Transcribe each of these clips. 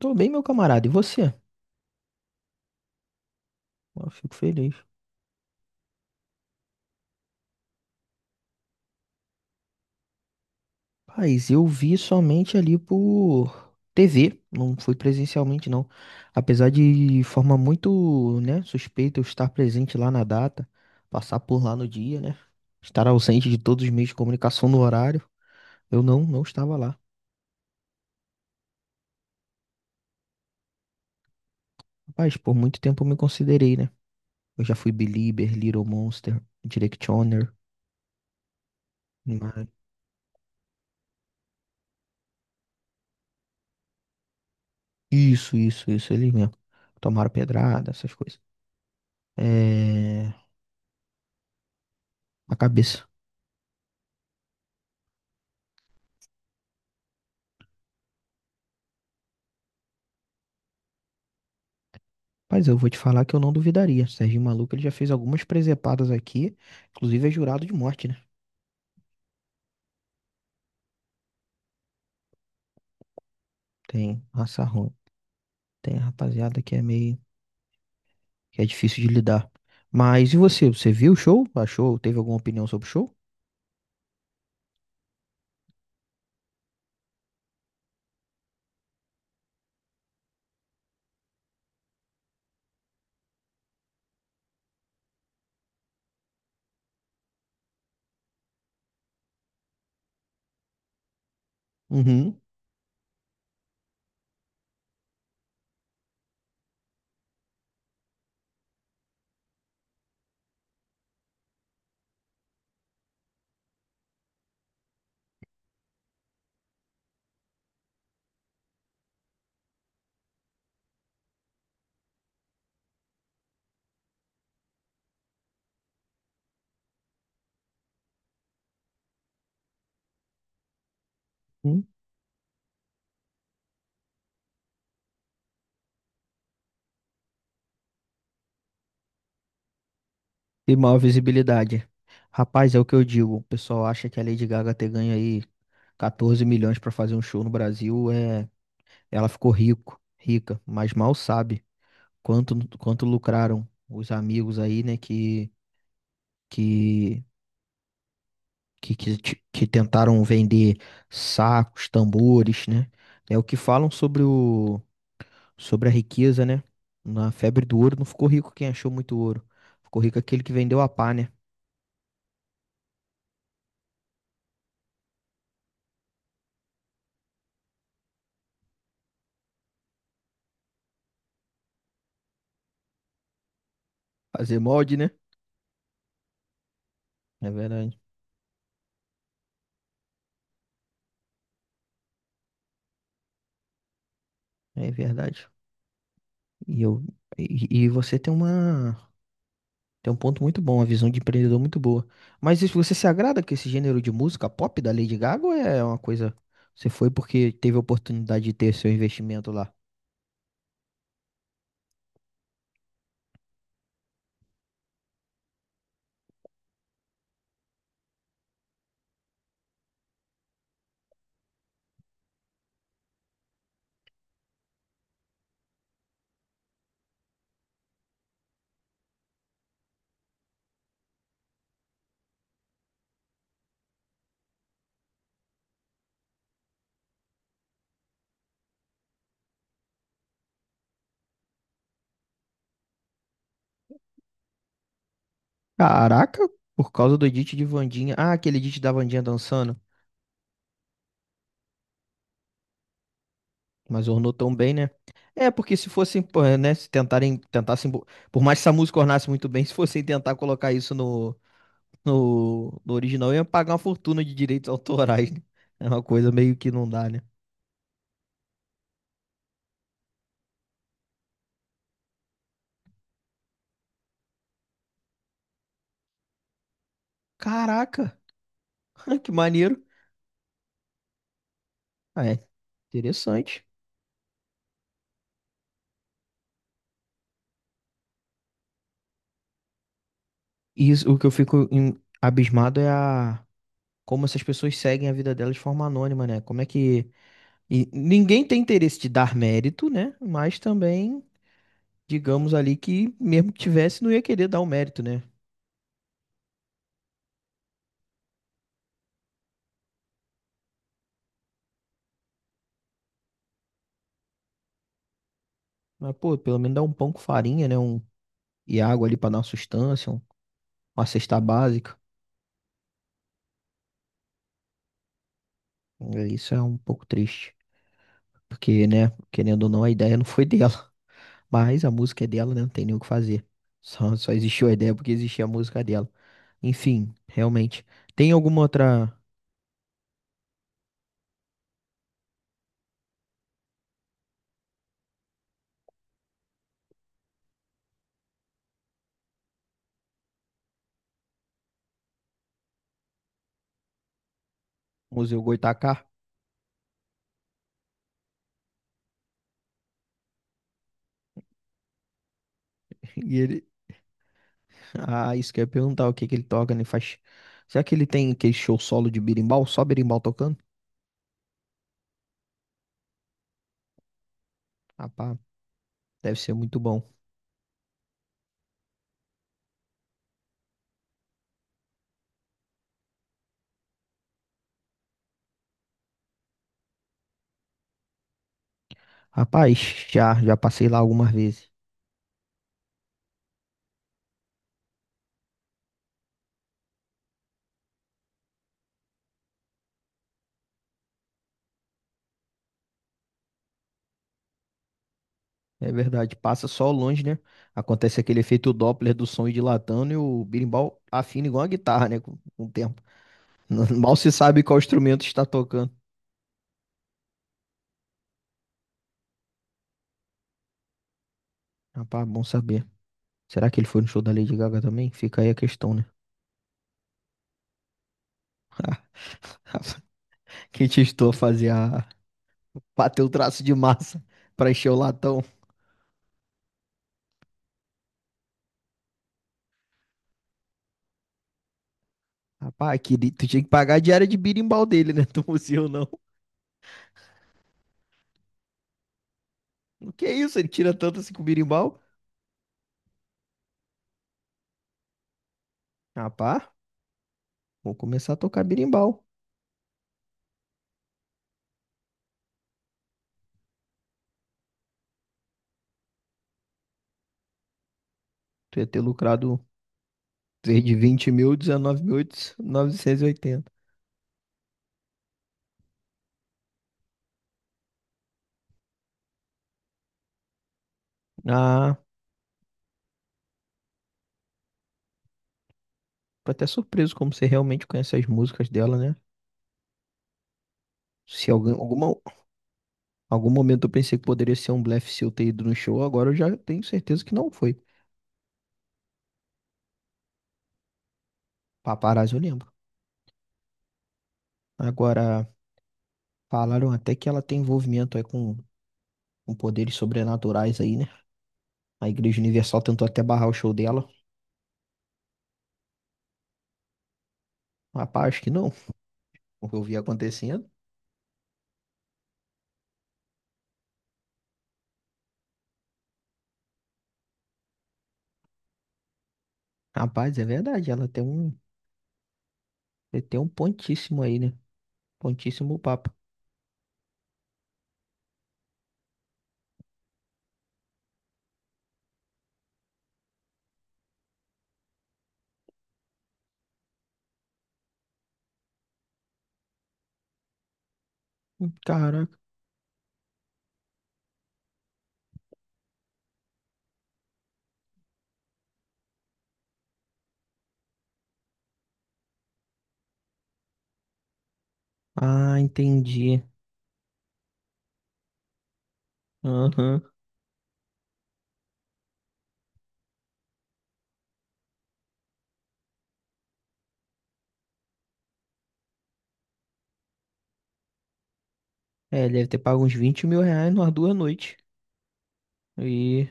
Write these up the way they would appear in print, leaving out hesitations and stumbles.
Tô bem, meu camarada. E você? Eu fico feliz. Paz, eu vi somente ali por TV, não fui presencialmente, não. Apesar de forma muito, né, suspeita, eu estar presente lá na data, passar por lá no dia, né? Estar ausente de todos os meios de comunicação no horário, eu não, não estava lá. Rapaz, por muito tempo eu me considerei, né? Eu já fui Belieber, Little Monster, Directioner, mas. Isso, ele mesmo. Tomaram pedrada, essas coisas. É. A cabeça. Mas eu vou te falar que eu não duvidaria. Serginho Maluco, ele já fez algumas presepadas aqui, inclusive é jurado de morte, né? Tem raça ruim, tem rapaziada que é meio que é difícil de lidar. Mas e você? Você viu o show? Achou? Teve alguma opinião sobre o show? Uhum. Uhum. E maior visibilidade. Rapaz, é o que eu digo. O pessoal acha que a Lady Gaga ter ganho aí 14 milhões para fazer um show no Brasil, é, ela ficou rico, rica, mas mal sabe quanto lucraram os amigos aí, né, que que tentaram vender sacos, tambores, né? É o que falam sobre a riqueza, né? Na febre do ouro não ficou rico quem achou muito ouro. Ficou rico aquele que vendeu a pá, né? Fazer molde, né? É verdade. É verdade. E eu e você tem uma Tem um ponto muito bom, uma visão de empreendedor muito boa. Mas isso, você se agrada com esse gênero de música pop da Lady Gaga ou é uma coisa. Você foi porque teve a oportunidade de ter seu investimento lá? Caraca, por causa do edit de Wandinha. Ah, aquele edit da Wandinha dançando. Mas ornou tão bem, né? É, porque se fossem, pô, é, né, se tentarem, tentassem, por mais que essa música ornasse muito bem, se fossem tentar colocar isso no, no original, iam pagar uma fortuna de direitos autorais, né? É uma coisa meio que não dá, né? Caraca, que maneiro. Ah, é, interessante. E isso, o que eu fico abismado é a como essas pessoas seguem a vida delas de forma anônima, né? Como é que e ninguém tem interesse de dar mérito, né? Mas também digamos ali que mesmo que tivesse, não ia querer dar o mérito, né? Mas, pô, pelo menos dá um pão com farinha, né? Um, e água ali pra dar uma sustância, uma cesta básica. É, isso é um pouco triste. Porque, né, querendo ou não, a ideia não foi dela. Mas a música é dela, né? Não tem nem o que fazer. Só existiu a ideia porque existia a música dela. Enfim, realmente. Tem alguma outra. Museu Goitacá? E ele. Ah, isso que eu ia perguntar, o que que ele toca, né? Faz. Será que ele tem aquele show solo de berimbau? Só berimbau tocando? Rapaz. Deve ser muito bom. Rapaz, já passei lá algumas vezes. É verdade, passa só longe, né? Acontece aquele efeito Doppler do som ir dilatando e o berimbau afina igual a guitarra, né? Com o tempo. Mal se sabe qual instrumento está tocando. Rapaz, bom saber. Será que ele foi no show da Lady Gaga também? Fica aí a questão, né? Quem te estou a fazer a bater o traço de massa pra encher o latão. Rapaz, tu tinha que pagar a diária de birimbau dele, né? Do museu, não. O que é isso? Ele tira tanto assim com o birimbau? Rapaz. Vou começar a tocar birimbau. Tu ia ter lucrado desde de 20 mil, 19.980. Ah, tô até surpreso como você realmente conhece as músicas dela, né? Se algum, alguma, algum momento eu pensei que poderia ser um blefe seu ter ido no show, agora eu já tenho certeza que não foi. Paparazzi eu lembro. Agora, falaram até que ela tem envolvimento aí com poderes sobrenaturais aí, né? A Igreja Universal tentou até barrar o show dela. Rapaz, acho que não. O que eu vi acontecendo. Rapaz, é verdade, Ele tem um pontíssimo aí, né? Pontíssimo papo. Caraca. Ah, entendi. Aham. É, ele deve ter pago uns R$ 20 mil numa 2 noites. E,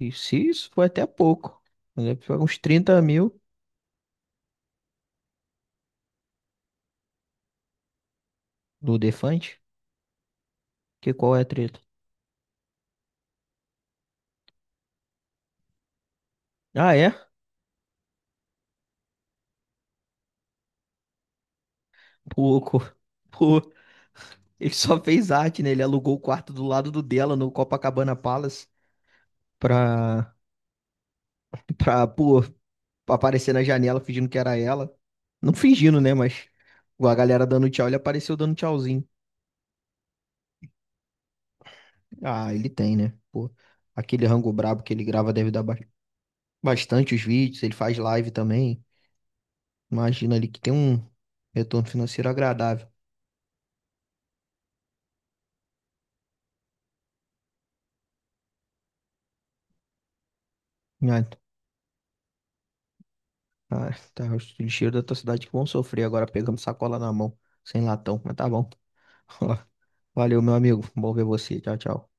e se isso foi até pouco. Ele deve ter pago uns 30 mil do Defante. Que qual é a treta? Ah, é? Pouco. Pô, ele só fez arte, né? Ele alugou o quarto do lado do dela no Copacabana Palace pra, pra, pô, aparecer na janela fingindo que era ela. Não fingindo, né? Mas a galera dando tchau, ele apareceu dando tchauzinho. Ah, ele tem, né? Pô, aquele rango brabo que ele grava deve dar bastante os vídeos, ele faz live também. Imagina ali que tem um retorno financeiro agradável. Ah, t- ah, tá, os lixeiros da tua cidade que vão sofrer agora pegando sacola na mão, sem latão, mas tá bom. Valeu, meu amigo. Bom ver você. Tchau, tchau.